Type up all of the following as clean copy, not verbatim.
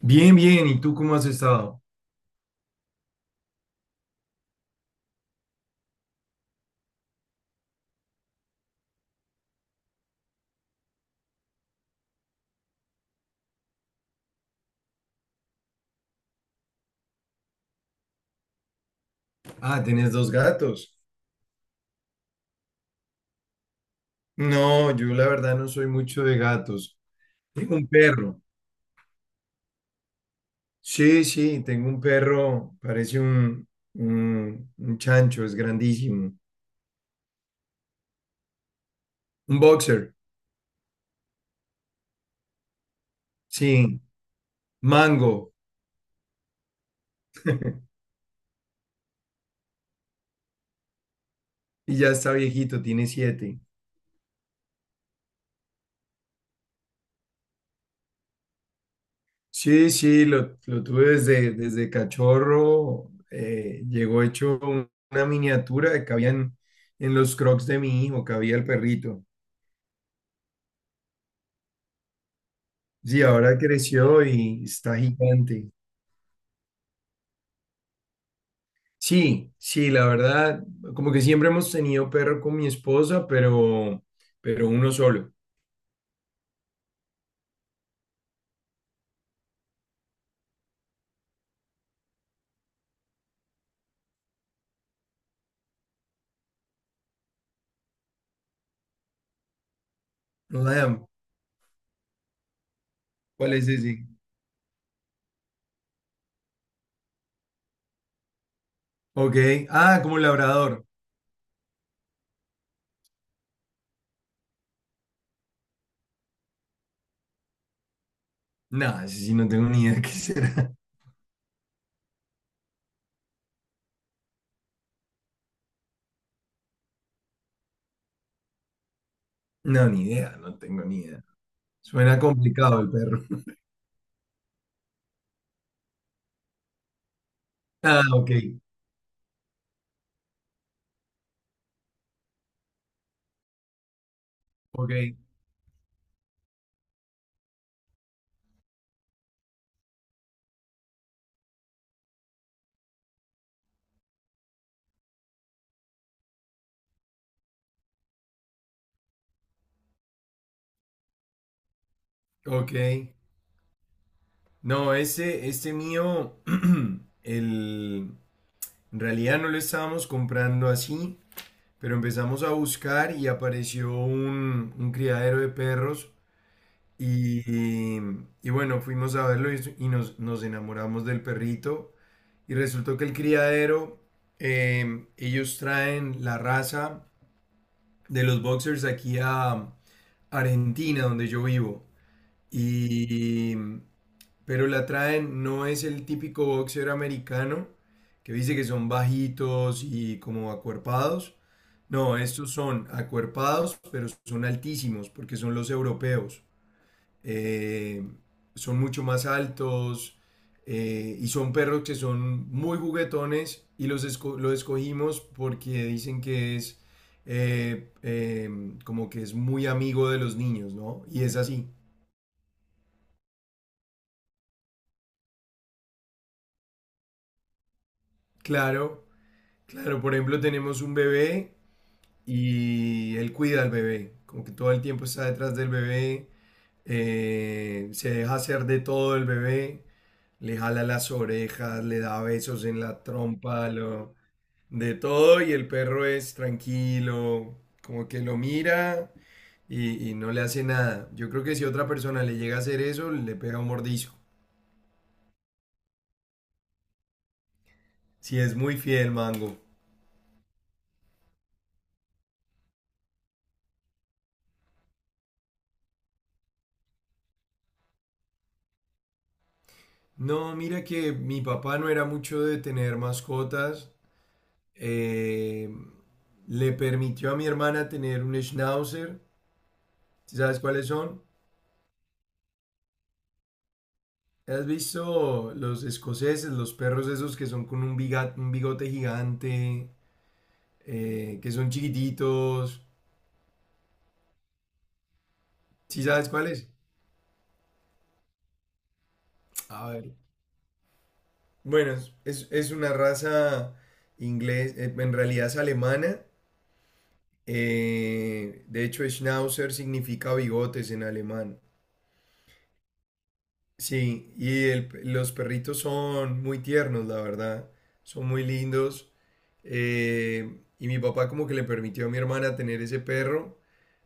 Bien, bien. ¿Y tú cómo has estado? Ah, tienes dos gatos. No, yo la verdad no soy mucho de gatos. Tengo un perro. Sí, sí, tengo un perro. Parece un chancho, es grandísimo. Un boxer. Sí, Mango. Y ya está viejito, tiene siete. Sí, sí, lo tuve desde cachorro. Llegó hecho una miniatura que cabía en los crocs de mi hijo, cabía el perrito. Sí, ahora creció y está gigante. Sí, sí, la verdad, como que siempre hemos tenido perro con mi esposa, pero uno solo. No sabemos. ¿Cuál es ese? Ok. Ah, como labrador. No, ese sí no tengo ni idea de qué será. No, ni idea, no tengo ni idea. Suena complicado el perro. Ah, ok, ok. No, ese, este mío, el, en realidad no lo estábamos comprando así. Pero empezamos a buscar y apareció un criadero de perros y, y bueno, fuimos a verlo y nos enamoramos del perrito y resultó que el criadero, ellos traen la raza de los boxers aquí a Argentina, donde yo vivo. Y, mm, pero la traen, no es el típico boxer americano que dice que son bajitos y como acuerpados. No, estos son acuerpados, pero son altísimos porque son los europeos. Eh, Son mucho más altos y son perros que son muy juguetones y los escogimos porque dicen que es eh, eh, como que es muy amigo de los niños, ¿no? Y es así. Claro, claro, por ejemplo, tenemos un bebé y él cuida al bebé, como que todo el tiempo está detrás del bebé. Se deja hacer de todo el bebé, le jala las orejas, le da besos en la trompa, de todo, y el perro es tranquilo, como que lo mira y no le hace nada. Yo creo que si otra persona le llega a hacer eso, le pega un mordisco. Si es muy fiel, Mango. No, mira que mi papá no era mucho de tener mascotas. Eh, Le permitió a mi hermana tener un schnauzer. ¿Sí ¿Sabes cuáles son? ¿Has visto los escoceses, los perros esos que son con un, un bigote gigante, que son chiquititos? ¿Sí sabes cuáles? A ver. Bueno, es una raza inglés, en realidad es alemana. De hecho, Schnauzer significa bigotes en alemán. Sí, y los perritos son muy tiernos, la verdad. Son muy lindos. Y mi papá como que le permitió a mi hermana tener ese perro,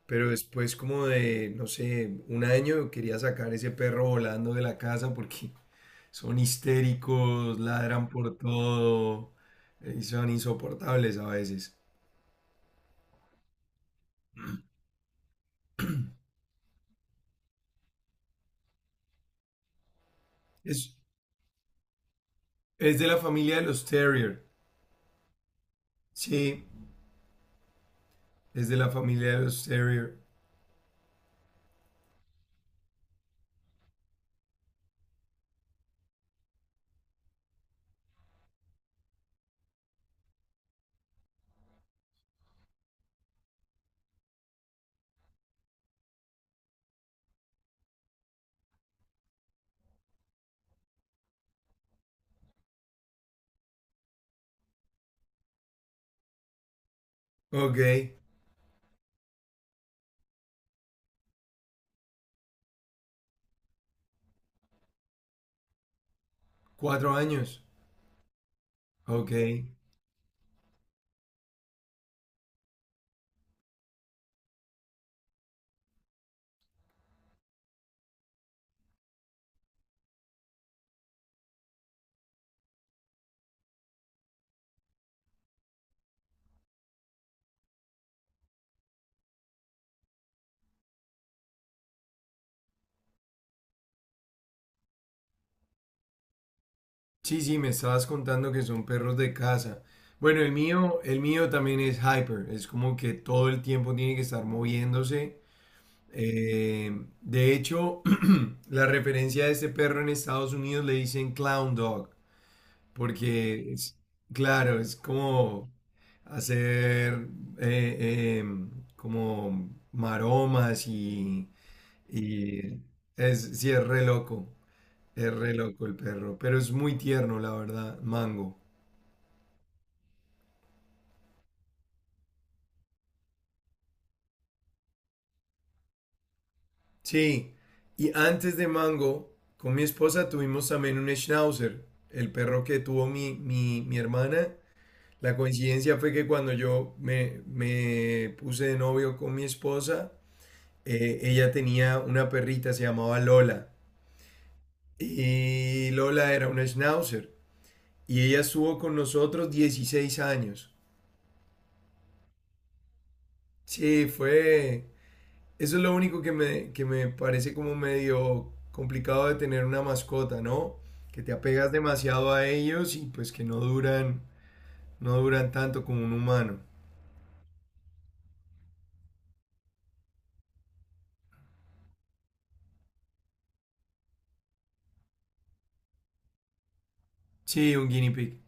pero después como de, no sé, un año quería sacar ese perro volando de la casa porque son histéricos, ladran por todo, y son insoportables a veces. Es, es de la familia de los Terrier. Sí, es de la familia de los Terrier. Ok, 4 años. Ok. Sí, sí, me estabas contando que son perros de casa. Bueno, el mío también es hyper, es como que todo el tiempo tiene que estar moviéndose. Eh, de hecho, la referencia de este perro en Estados Unidos le dicen clown dog, porque es, claro, es como hacer eh, em, como maromas y es, sí, es re loco el perro, pero es muy tierno, la verdad, Mango. Sí, y antes de Mango, con mi esposa tuvimos también un Schnauzer, el perro que tuvo mi hermana. La coincidencia fue que cuando me puse de novio con mi esposa, ella tenía una perrita, se llamaba Lola, y Lola era una Schnauzer, y ella estuvo con nosotros 16 años. Sí, eso es lo único que que me parece como medio complicado de tener una mascota, ¿no? Que te apegas demasiado a ellos y pues que no duran, no duran tanto como un humano. Sí, un guinea pig.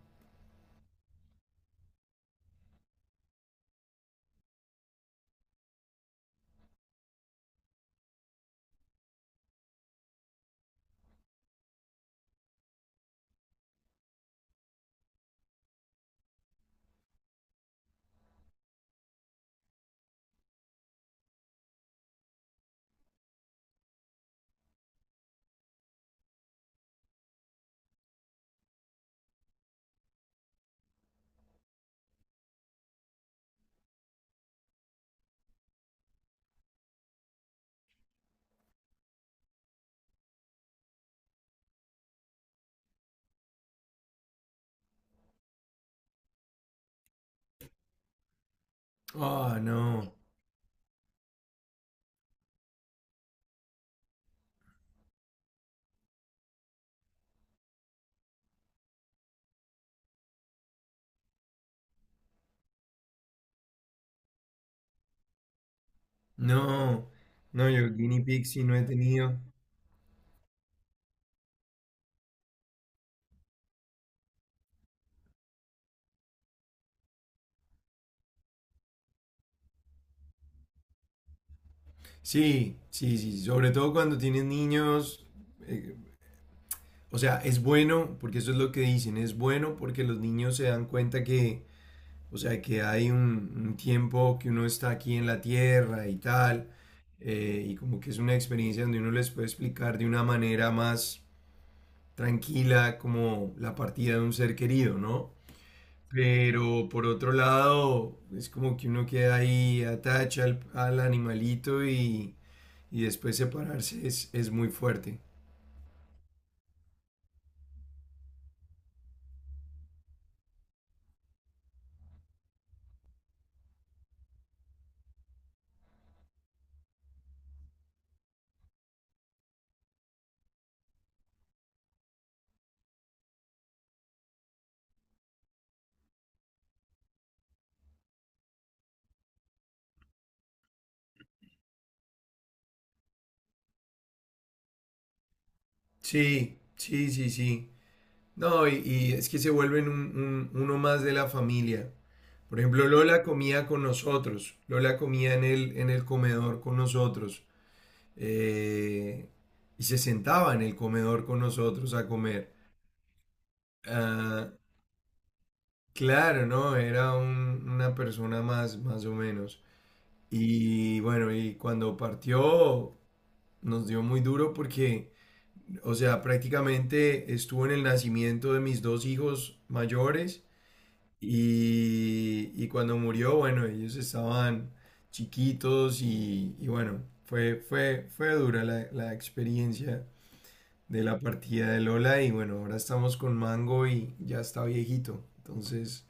Ah, no, no, no, yo guinea pig sí no he tenido. Sí, sí, sí, sobre todo cuando tienes niños, eh, o sea, es bueno, porque eso es lo que dicen, es bueno porque los niños se dan cuenta que o sea que hay un tiempo que uno está aquí en la tierra y tal, y como que es una experiencia donde uno les puede explicar de una manera más tranquila como la partida de un ser querido, ¿no? Pero por otro lado, es como que uno queda ahí, atacha al animalito y después separarse es muy fuerte. Sí, sí, sí, sí. No, es que se vuelven uno más de la familia. Por ejemplo, Lola comía con nosotros, Lola comía en el comedor con nosotros, eh, y se sentaba en el comedor con nosotros a comer. Ah, claro, ¿no? Era una persona más, más o menos. Y cuando partió nos dio muy duro porque, o sea, prácticamente estuvo en el nacimiento de mis dos hijos mayores. Y cuando murió, bueno, ellos estaban chiquitos y bueno, fue dura la experiencia de la partida de Lola y bueno, ahora estamos con Mango y ya está viejito, entonces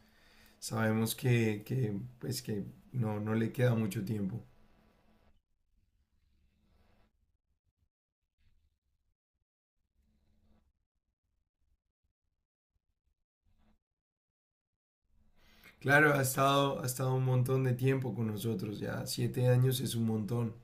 sabemos pues que no, no le queda mucho tiempo. Claro, ha estado un montón de tiempo con nosotros, ya 7 años es un montón.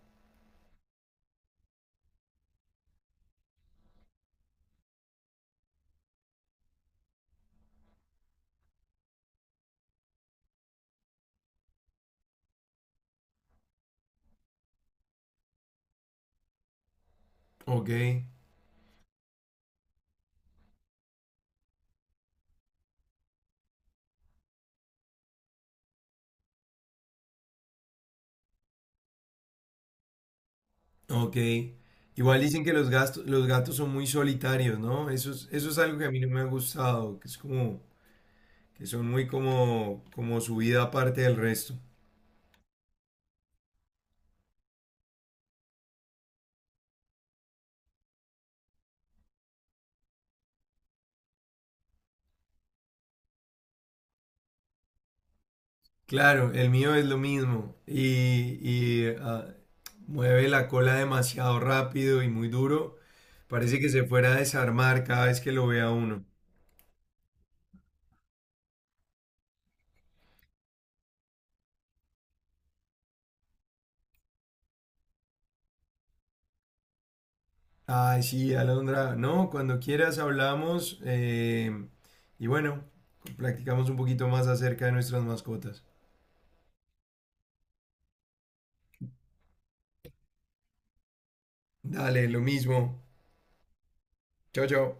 Ok, Ok. Igual dicen que los gatos son muy solitarios, ¿no? Eso es algo que a mí no me ha gustado, que es como, que son muy como, como su vida aparte del resto. Claro, el mío es lo mismo y mueve la cola demasiado rápido y muy duro. Parece que se fuera a desarmar cada vez que lo vea uno. Ay, sí, Alondra. No, cuando quieras hablamos, y bueno, practicamos un poquito más acerca de nuestras mascotas. Dale, lo mismo. Chao, chao.